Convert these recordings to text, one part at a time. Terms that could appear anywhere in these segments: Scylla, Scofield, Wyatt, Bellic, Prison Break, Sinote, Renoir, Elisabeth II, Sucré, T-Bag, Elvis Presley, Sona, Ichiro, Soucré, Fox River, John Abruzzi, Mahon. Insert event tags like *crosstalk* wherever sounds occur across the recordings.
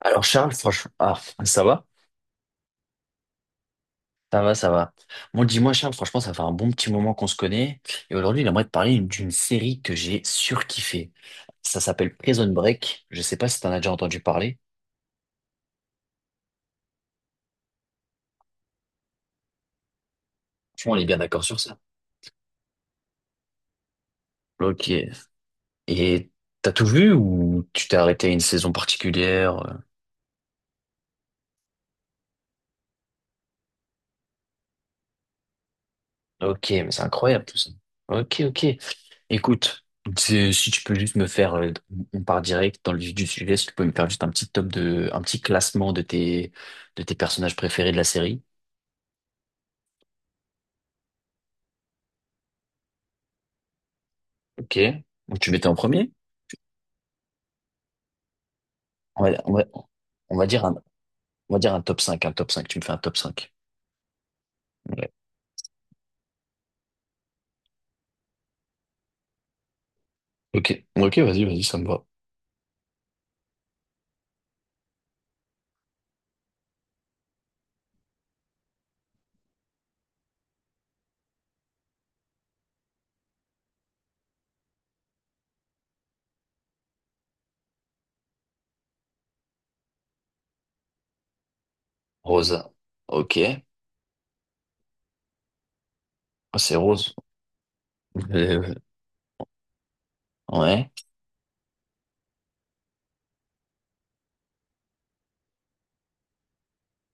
Alors Charles, franchement, ah, ça va? Ça va, ça va. Bon, dis-moi Charles, franchement, ça fait un bon petit moment qu'on se connaît. Et aujourd'hui, j'aimerais te parler d'une série que j'ai surkiffée. Ça s'appelle Prison Break. Je sais pas si t'en as déjà entendu parler. Franchement, on est bien d'accord sur ça. Ok. Et t'as tout vu ou tu t'es arrêté à une saison particulière? Ok, mais c'est incroyable tout ça. Ok, ok. Écoute, si tu peux juste me faire, on part direct dans le vif du sujet, si tu peux me faire juste un petit classement de tes personnages préférés de la série. Ok. Donc tu mettais en premier? On va, on va, on va dire on va dire un top cinq. Tu me fais un top 5. Ouais. Ok, ok, vas-y, vas-y, ça me va. Rosa. Ok. Ah, c'est Rose. *laughs* Ouais.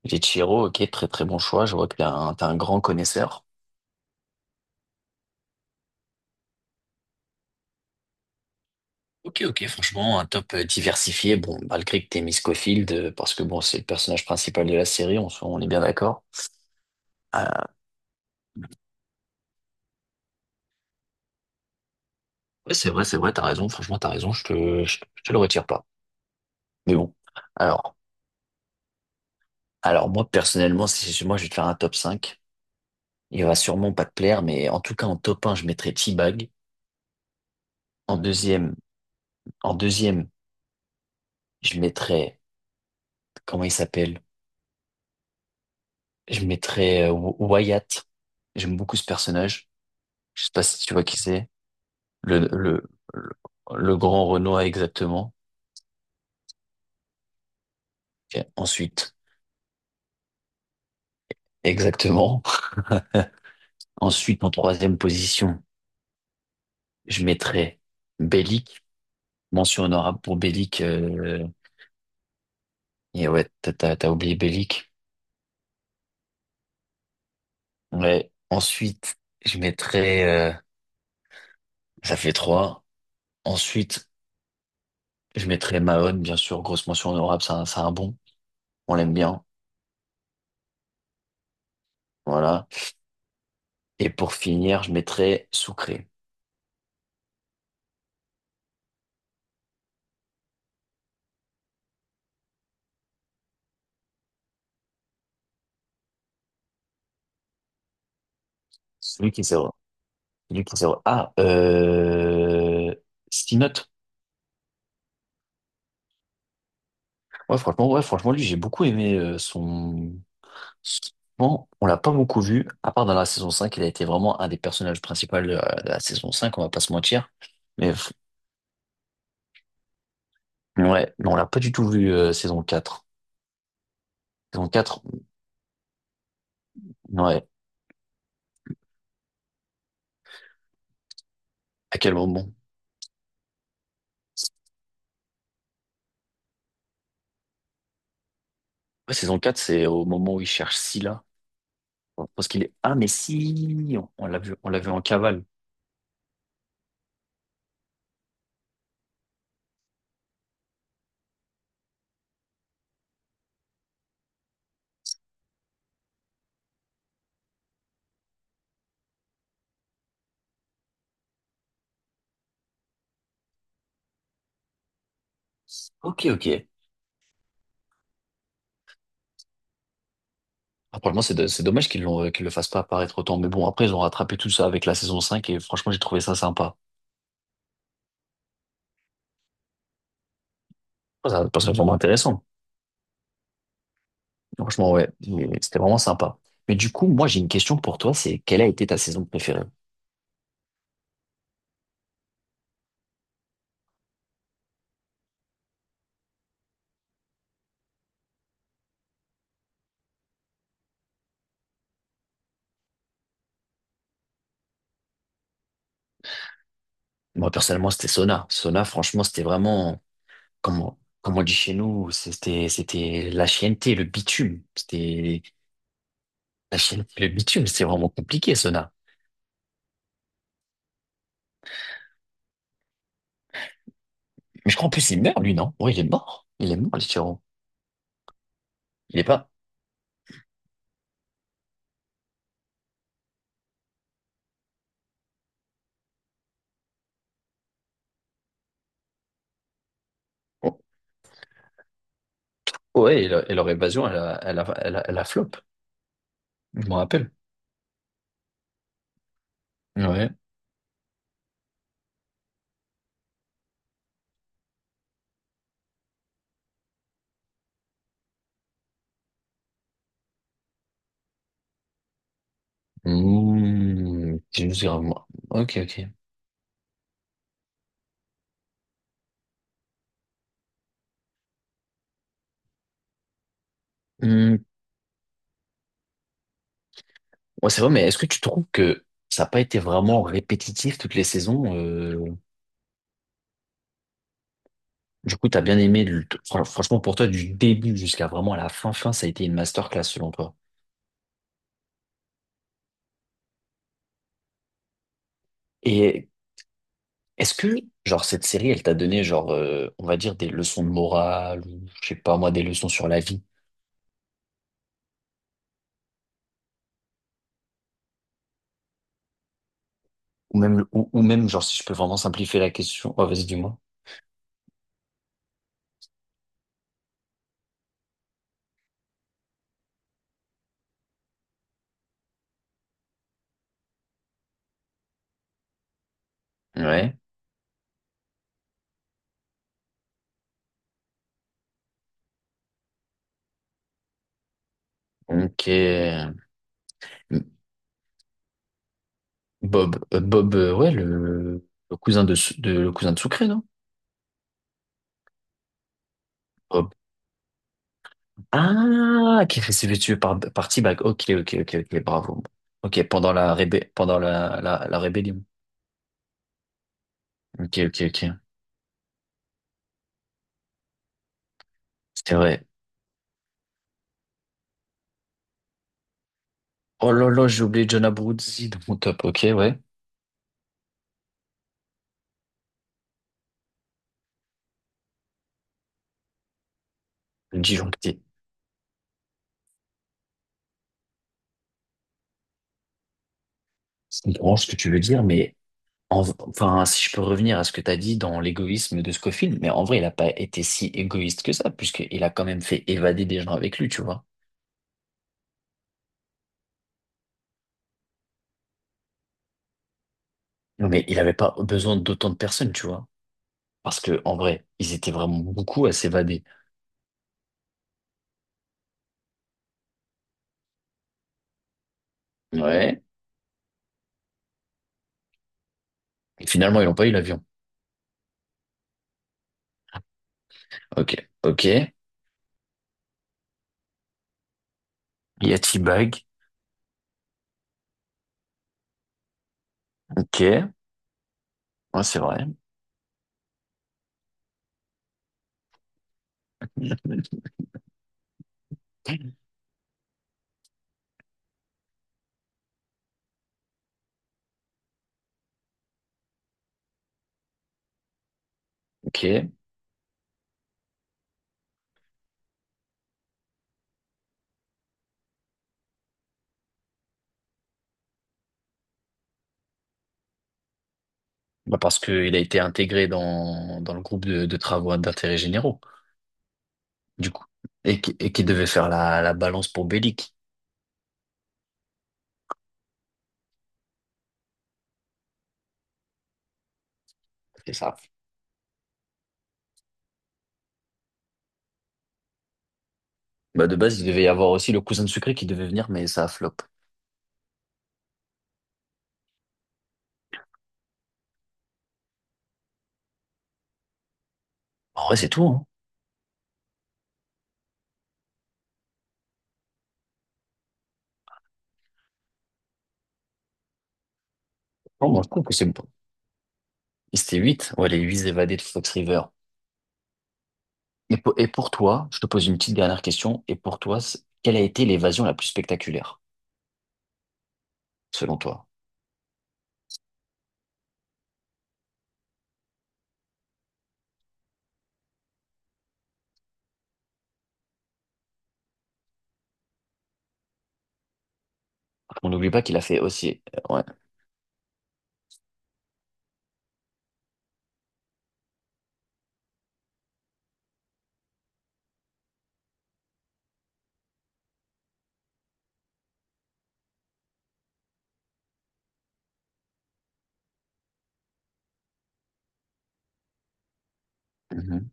Ichiro, ok, très très bon choix. Je vois que t'es un grand connaisseur. Ok, ok, franchement, un top diversifié. Bon, malgré que t'aies mis Scofield, parce que bon, c'est le personnage principal de la série, on est bien d'accord. Euh, ouais, c'est vrai, t'as raison, franchement, t'as raison, je te le retire pas. Mais bon, alors, alors moi, personnellement, si, moi, je vais te faire un top 5. Il va sûrement pas te plaire, mais en tout cas, en top un, je mettrais T-Bag. En deuxième, en deuxième, je mettrais, comment il s'appelle? Je mettrais Wyatt. J'aime beaucoup ce personnage. Je sais pas si tu vois qui c'est. Le, le, le, le grand Renoir, exactement. Ok, ensuite, exactement. *laughs* Ensuite, en troisième position, je mettrais Bellic. Mention honorable pour Bellic. Et ouais, t'as oublié Bellic. Ouais. Ensuite, je mettrais... euh, ça fait trois. Ensuite, je mettrais Mahon, bien sûr. Grosse mention honorable, c'est un bon. On l'aime bien. Voilà. Et pour finir, je mettrais Soucré. Celui qui s'est... Celui qui s'est... Ah, Sinote. Ouais, franchement, lui, j'ai beaucoup aimé son... Bon, on l'a pas beaucoup vu, à part dans la saison 5 il a été vraiment un des personnages principaux de la saison cinq, on va pas se mentir. Mais f- ouais, non, on l'a pas du tout vu saison quatre. Saison quatre, ouais, à quel moment? Ouais, saison quatre c'est au moment où il cherche Scylla. Parce qu'il est... Ah, mais si, on l'a vu en cavale. Ok, ok. Après, moi, c'est dommage qu'ils l'ont, qu'ils le fassent pas apparaître autant. Mais bon, après, ils ont rattrapé tout ça avec la saison 5 et franchement, j'ai trouvé ça sympa. C'est vraiment intéressant. Franchement, ouais, mais c'était vraiment sympa. Mais du coup, moi, j'ai une question pour toi, c'est quelle a été ta saison préférée? Moi, personnellement, c'était Sona. Sona, franchement, c'était vraiment, comme, comme on dit chez nous, c'était la chienneté, le bitume. C'était la chienneté, le bitume, c'était vraiment compliqué, Sona. Mais je crois en plus, il meurt, lui, non? Ouais, il est mort. Il est mort, le tyran. Il est pas. Oh. Ouais, et leur évasion, elle a flop. Je m'en rappelle. Ouais. Mmh, je me souviens, moi. Ok, ok. Hmm, ouais, c'est vrai, mais est-ce que tu trouves que ça n'a pas été vraiment répétitif toutes les saisons? Du coup, t'as bien aimé, franchement, pour toi, du début jusqu'à vraiment fin, ça a été une masterclass selon toi. Et est-ce que, genre, cette série, elle t'a donné, genre, on va dire, des leçons de morale, ou je sais pas, moi, des leçons sur la vie, ou même, ou même, genre, si je peux vraiment simplifier la question. Oh, vas-y, dis-moi. Ouais. Ok. Bob, ouais, le cousin de, le cousin de Sucré, non? Ah, qui est restitué par T-Bag. Ok, ok, ok, ok, bravo. Ok, pendant la rébellion. Ok, ok, ok. C'est vrai. Oh là là, j'ai oublié John Abruzzi dans mon top. Ok, ouais. Le disjoncté. Je comprends ce que tu veux dire, mais enfin, si je peux revenir à ce que tu as dit dans l'égoïsme de Scofield, mais en vrai, il n'a pas été si égoïste que ça, puisqu'il a quand même fait évader des gens avec lui, tu vois. Non, mais il n'avait pas besoin d'autant de personnes, tu vois. Parce que, en vrai, ils étaient vraiment beaucoup à s'évader. Ouais. Et finalement, ils n'ont pas eu l'avion. Ok, ok. Il y a T-Bag. Ok, ouais, c'est vrai. Ok. Bah parce qu'il a été intégré dans le groupe de travaux d'intérêt généraux, du coup. Et qui devait faire la balance pour Bellic. C'est ça. Bah de base, il devait y avoir aussi le cousin de Sucré qui devait venir, mais ça a flop. En vrai, c'est tout, hein. Non, moi, je trouve que c'est bon. Et c'était 8. Ouais, les 8 évadés de Fox River. Et pour toi, je te pose une petite dernière question. Et pour toi, quelle a été l'évasion la plus spectaculaire, selon toi? On n'oublie pas qu'il a fait aussi. Ouais. Mhm.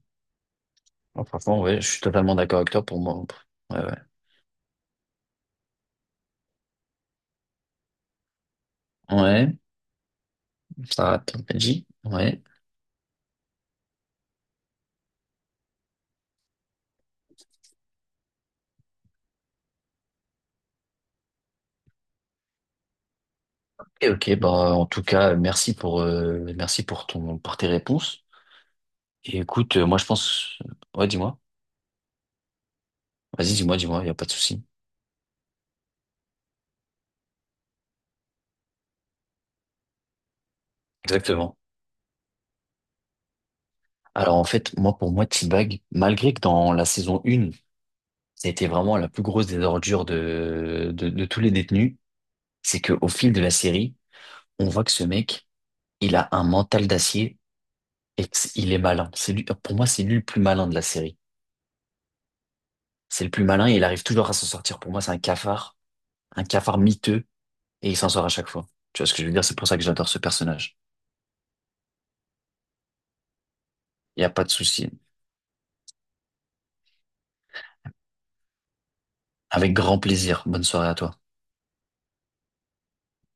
Bon franchement, ouais, je suis totalement d'accord avec toi pour moi. Ouais, ouais. Ouais, ça t'as dit. Ouais. Et ok, bah, en tout cas, merci pour pour tes réponses. Et écoute, moi, je pense, ouais, dis-moi. Vas-y, dis-moi, dis-moi, il n'y a pas de souci. Exactement. Alors, en fait, moi, pour moi, T-Bag, malgré que dans la saison 1, ça a été vraiment la plus grosse des ordures de tous les détenus, c'est qu'au fil de la série, on voit que ce mec, il a un mental d'acier. Et que il est malin. C'est lui, pour moi, c'est lui le plus malin de la série. C'est le plus malin et il arrive toujours à s'en sortir. Pour moi, c'est un cafard miteux et il s'en sort à chaque fois. Tu vois ce que je veux dire? C'est pour ça que j'adore ce personnage. Il n'y a pas de souci. Avec grand plaisir. Bonne soirée à toi.